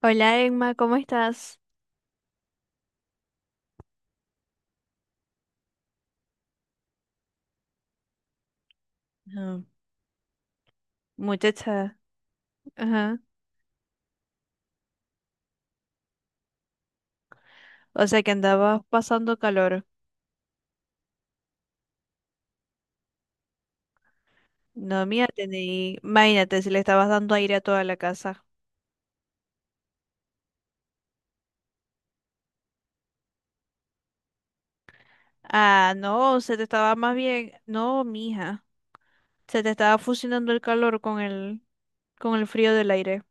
Hola, Emma, ¿cómo estás? Ah, muchacha. Ajá. O sea que andabas pasando calor. No, mira, tení... imagínate si le estabas dando aire a toda la casa. Ah, no, se te estaba más bien, no, mija, se te estaba fusionando el calor con el frío del aire.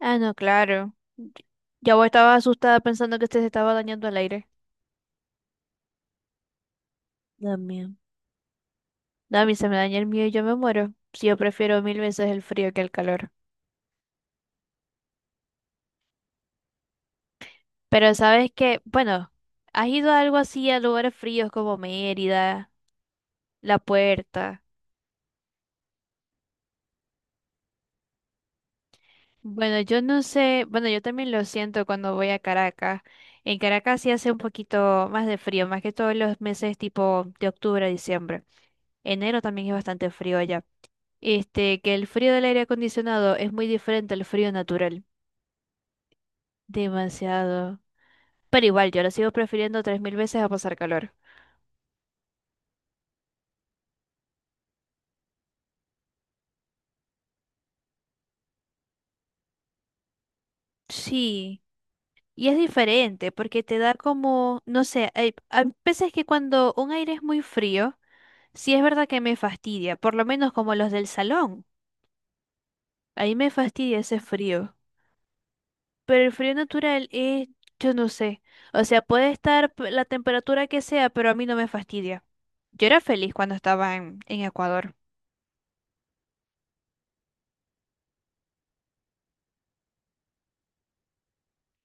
Ah, no, claro. Ya vos estabas asustada pensando que se te estaba dañando el aire. También. No, a mí se me daña el mío y yo me muero. Si yo prefiero mil veces el frío que el calor. Pero sabes que, bueno, has ido a algo así a lugares fríos como Mérida, La Puerta. Bueno, yo no sé, bueno, yo también lo siento cuando voy a Caracas. En Caracas sí hace un poquito más de frío, más que todos los meses tipo de octubre a diciembre. Enero también es bastante frío allá. Que el frío del aire acondicionado es muy diferente al frío natural. Demasiado. Pero igual, yo lo sigo prefiriendo tres mil veces a pasar calor. Sí. Y es diferente porque te da como, no sé, hay veces que cuando un aire es muy frío, sí es verdad que me fastidia, por lo menos como los del salón. Ahí me fastidia ese frío. Pero el frío natural es, yo no sé. O sea, puede estar p- la temperatura que sea, pero a mí no me fastidia. Yo era feliz cuando estaba en Ecuador.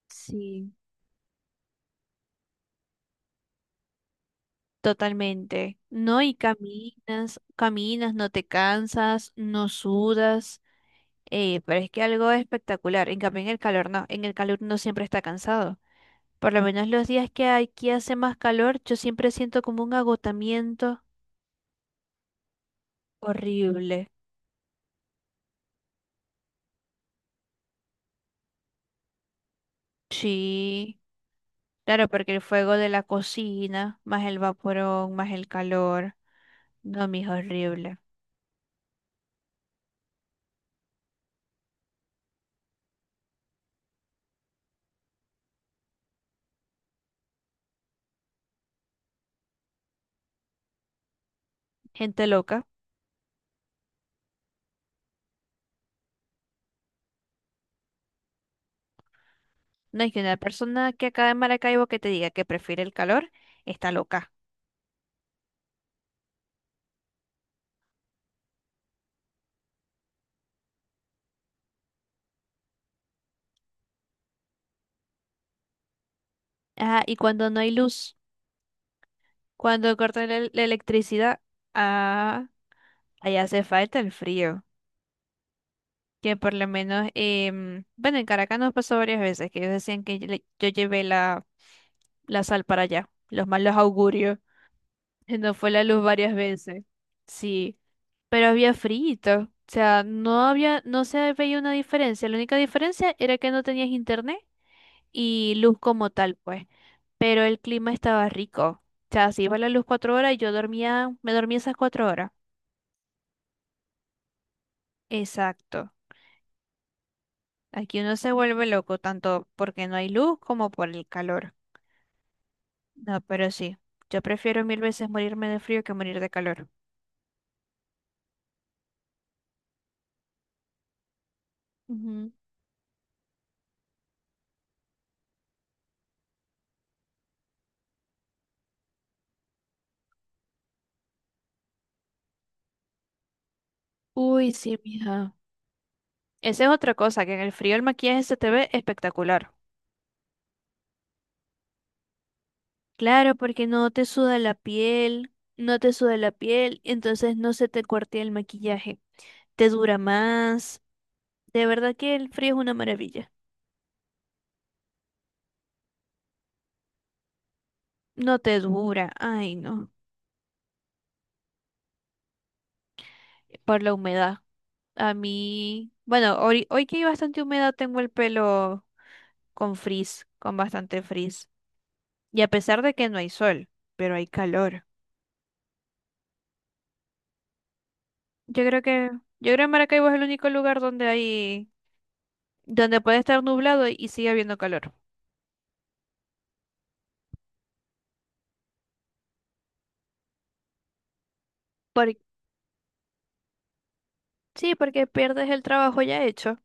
Sí. Totalmente. No, y caminas, caminas, no te cansas, no sudas. Pero es que algo espectacular. En cambio, en el calor no. En el calor uno siempre está cansado. Por lo menos los días que aquí hace más calor, yo siempre siento como un agotamiento horrible. Sí, claro, porque el fuego de la cocina, más el vaporón, más el calor. No, mijo, horrible. Gente loca. No hay que una persona que acá en Maracaibo que te diga que prefiere el calor, está loca. Ah, y cuando no hay luz, cuando cortan la electricidad, ah, ahí hace falta el frío. Que por lo menos, bueno, en Caracas nos pasó varias veces que ellos decían que yo, le- yo llevé la, la sal para allá, los malos augurios. Se nos fue la luz varias veces. Sí, pero había frito. O sea, no había, no se veía una diferencia. La única diferencia era que no tenías internet y luz como tal, pues. Pero el clima estaba rico. O sea, se iba la luz cuatro horas y yo dormía, me dormía esas cuatro horas. Exacto. Aquí uno se vuelve loco tanto porque no hay luz como por el calor. No, pero sí. Yo prefiero mil veces morirme de frío que morir de calor. Ujú. Uy, sí, mija. Esa es otra cosa, que en el frío el maquillaje se te ve espectacular. Claro, porque no te suda la piel, no te suda la piel, entonces no se te cuartea el maquillaje. Te dura más. De verdad que el frío es una maravilla. No te dura, ay no. Por la humedad. A mí, bueno, hoy que hay bastante humedad tengo el pelo con frizz, con bastante frizz. Y a pesar de que no hay sol, pero hay calor. Yo creo que, yo creo que Maracaibo es el único lugar donde hay, donde puede estar nublado y sigue habiendo calor. Por- sí, porque pierdes el trabajo ya hecho.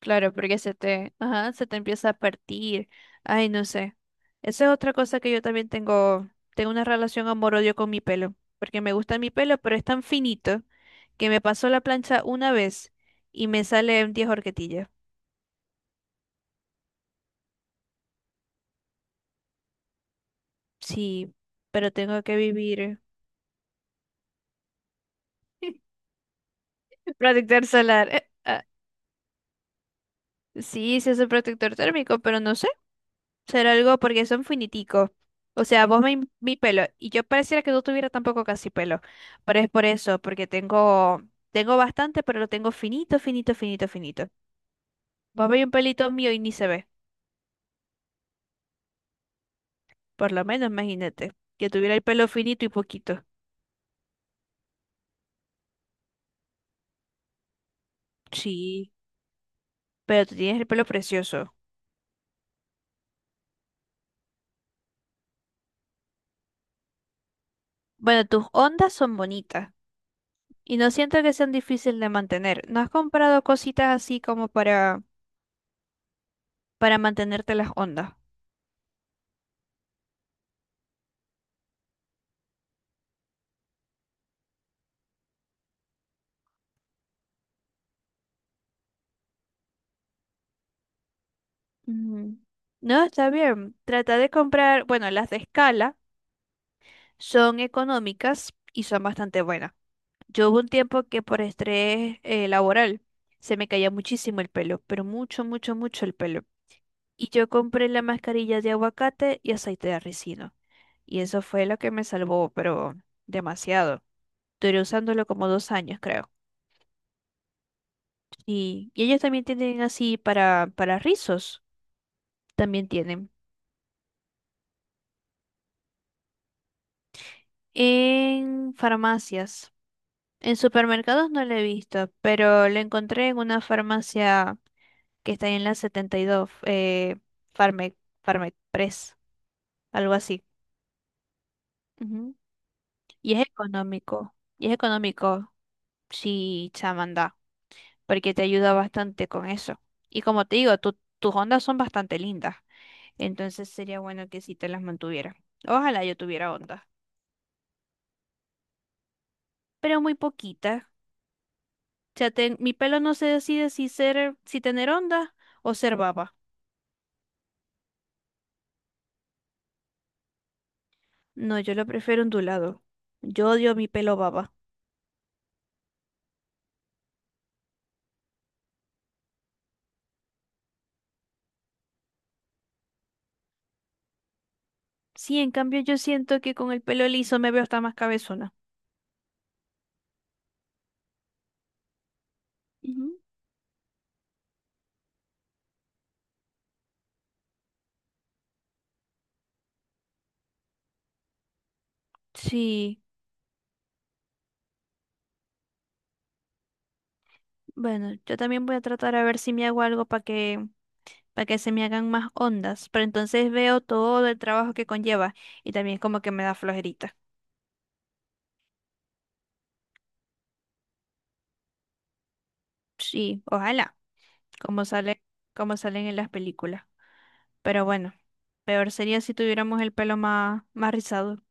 Claro, porque se te, ajá, se te empieza a partir. Ay, no sé. Esa es otra cosa que yo también tengo, tengo una relación amor-odio con mi pelo, porque me gusta mi pelo, pero es tan finito que me pasó la plancha una vez y me salen 10 horquetillas. Sí, pero tengo que vivir. Protector solar. Sí, sí es un protector térmico, pero no sé. Será algo porque son finiticos. O sea, vos me, mi pelo. Y yo pareciera que no tuviera tampoco casi pelo. Pero es por eso, porque tengo, tengo bastante, pero lo tengo finito, finito, finito, finito. Vos veis un pelito mío y ni se ve. Por lo menos, imagínate. Que tuviera el pelo finito y poquito. Sí, pero tú tienes el pelo precioso. Bueno, tus ondas son bonitas. Y no siento que sean difíciles de mantener. ¿No has comprado cositas así como para mantenerte las ondas? Ujú. No, está bien. Trata de comprar, bueno, las de escala son económicas y son bastante buenas. Yo hubo un tiempo que por estrés laboral se me caía muchísimo el pelo, pero mucho, mucho, mucho el pelo. Y yo compré la mascarilla de aguacate y aceite de ricino. Y eso fue lo que me salvó, pero demasiado. Duré usándolo como dos años, creo. Y ellos también tienen así para rizos. También tienen. En farmacias. En supermercados no lo he visto, pero lo encontré en una farmacia que está ahí en la 72, Farmec, Farmec Press, algo así. Ujú. Y es económico. Y es económico, sí, chamanda, porque te ayuda bastante con eso. Y como te digo, tu- tus ondas son bastante lindas, entonces sería bueno que si te las mantuviera. Ojalá yo tuviera ondas, pero muy poquitas. Sea, ten- mi pelo no se decide si ser, si tener onda o ser baba. No, yo lo prefiero ondulado. Yo odio mi pelo baba. Sí, en cambio yo siento que con el pelo liso me veo hasta más cabezona. Ujú. Sí, bueno, yo también voy a tratar a ver si me hago algo para que se me hagan más ondas, pero entonces veo todo el trabajo que conlleva y también como que me da flojerita. Sí, ojalá, como sale, como salen en las películas. Pero bueno, peor sería si tuviéramos el pelo más, más rizado.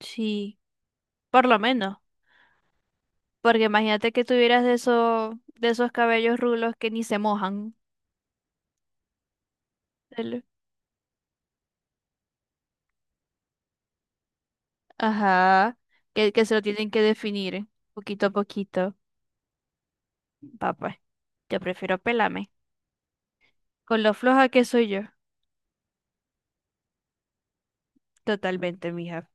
Sí, por lo menos, porque imagínate que tuvieras de esos cabellos rulos que ni se mojan. El- ajá, que se lo tienen que definir poquito a poquito. Papá, yo prefiero pelarme. Con lo floja que soy yo, totalmente, mija.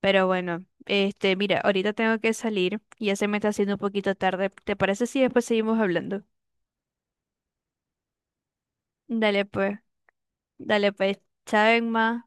Pero bueno, mira, ahorita tengo que salir y ya se me está haciendo un poquito tarde. ¿Te parece si después seguimos hablando? Dale pues, dale pues, chao, más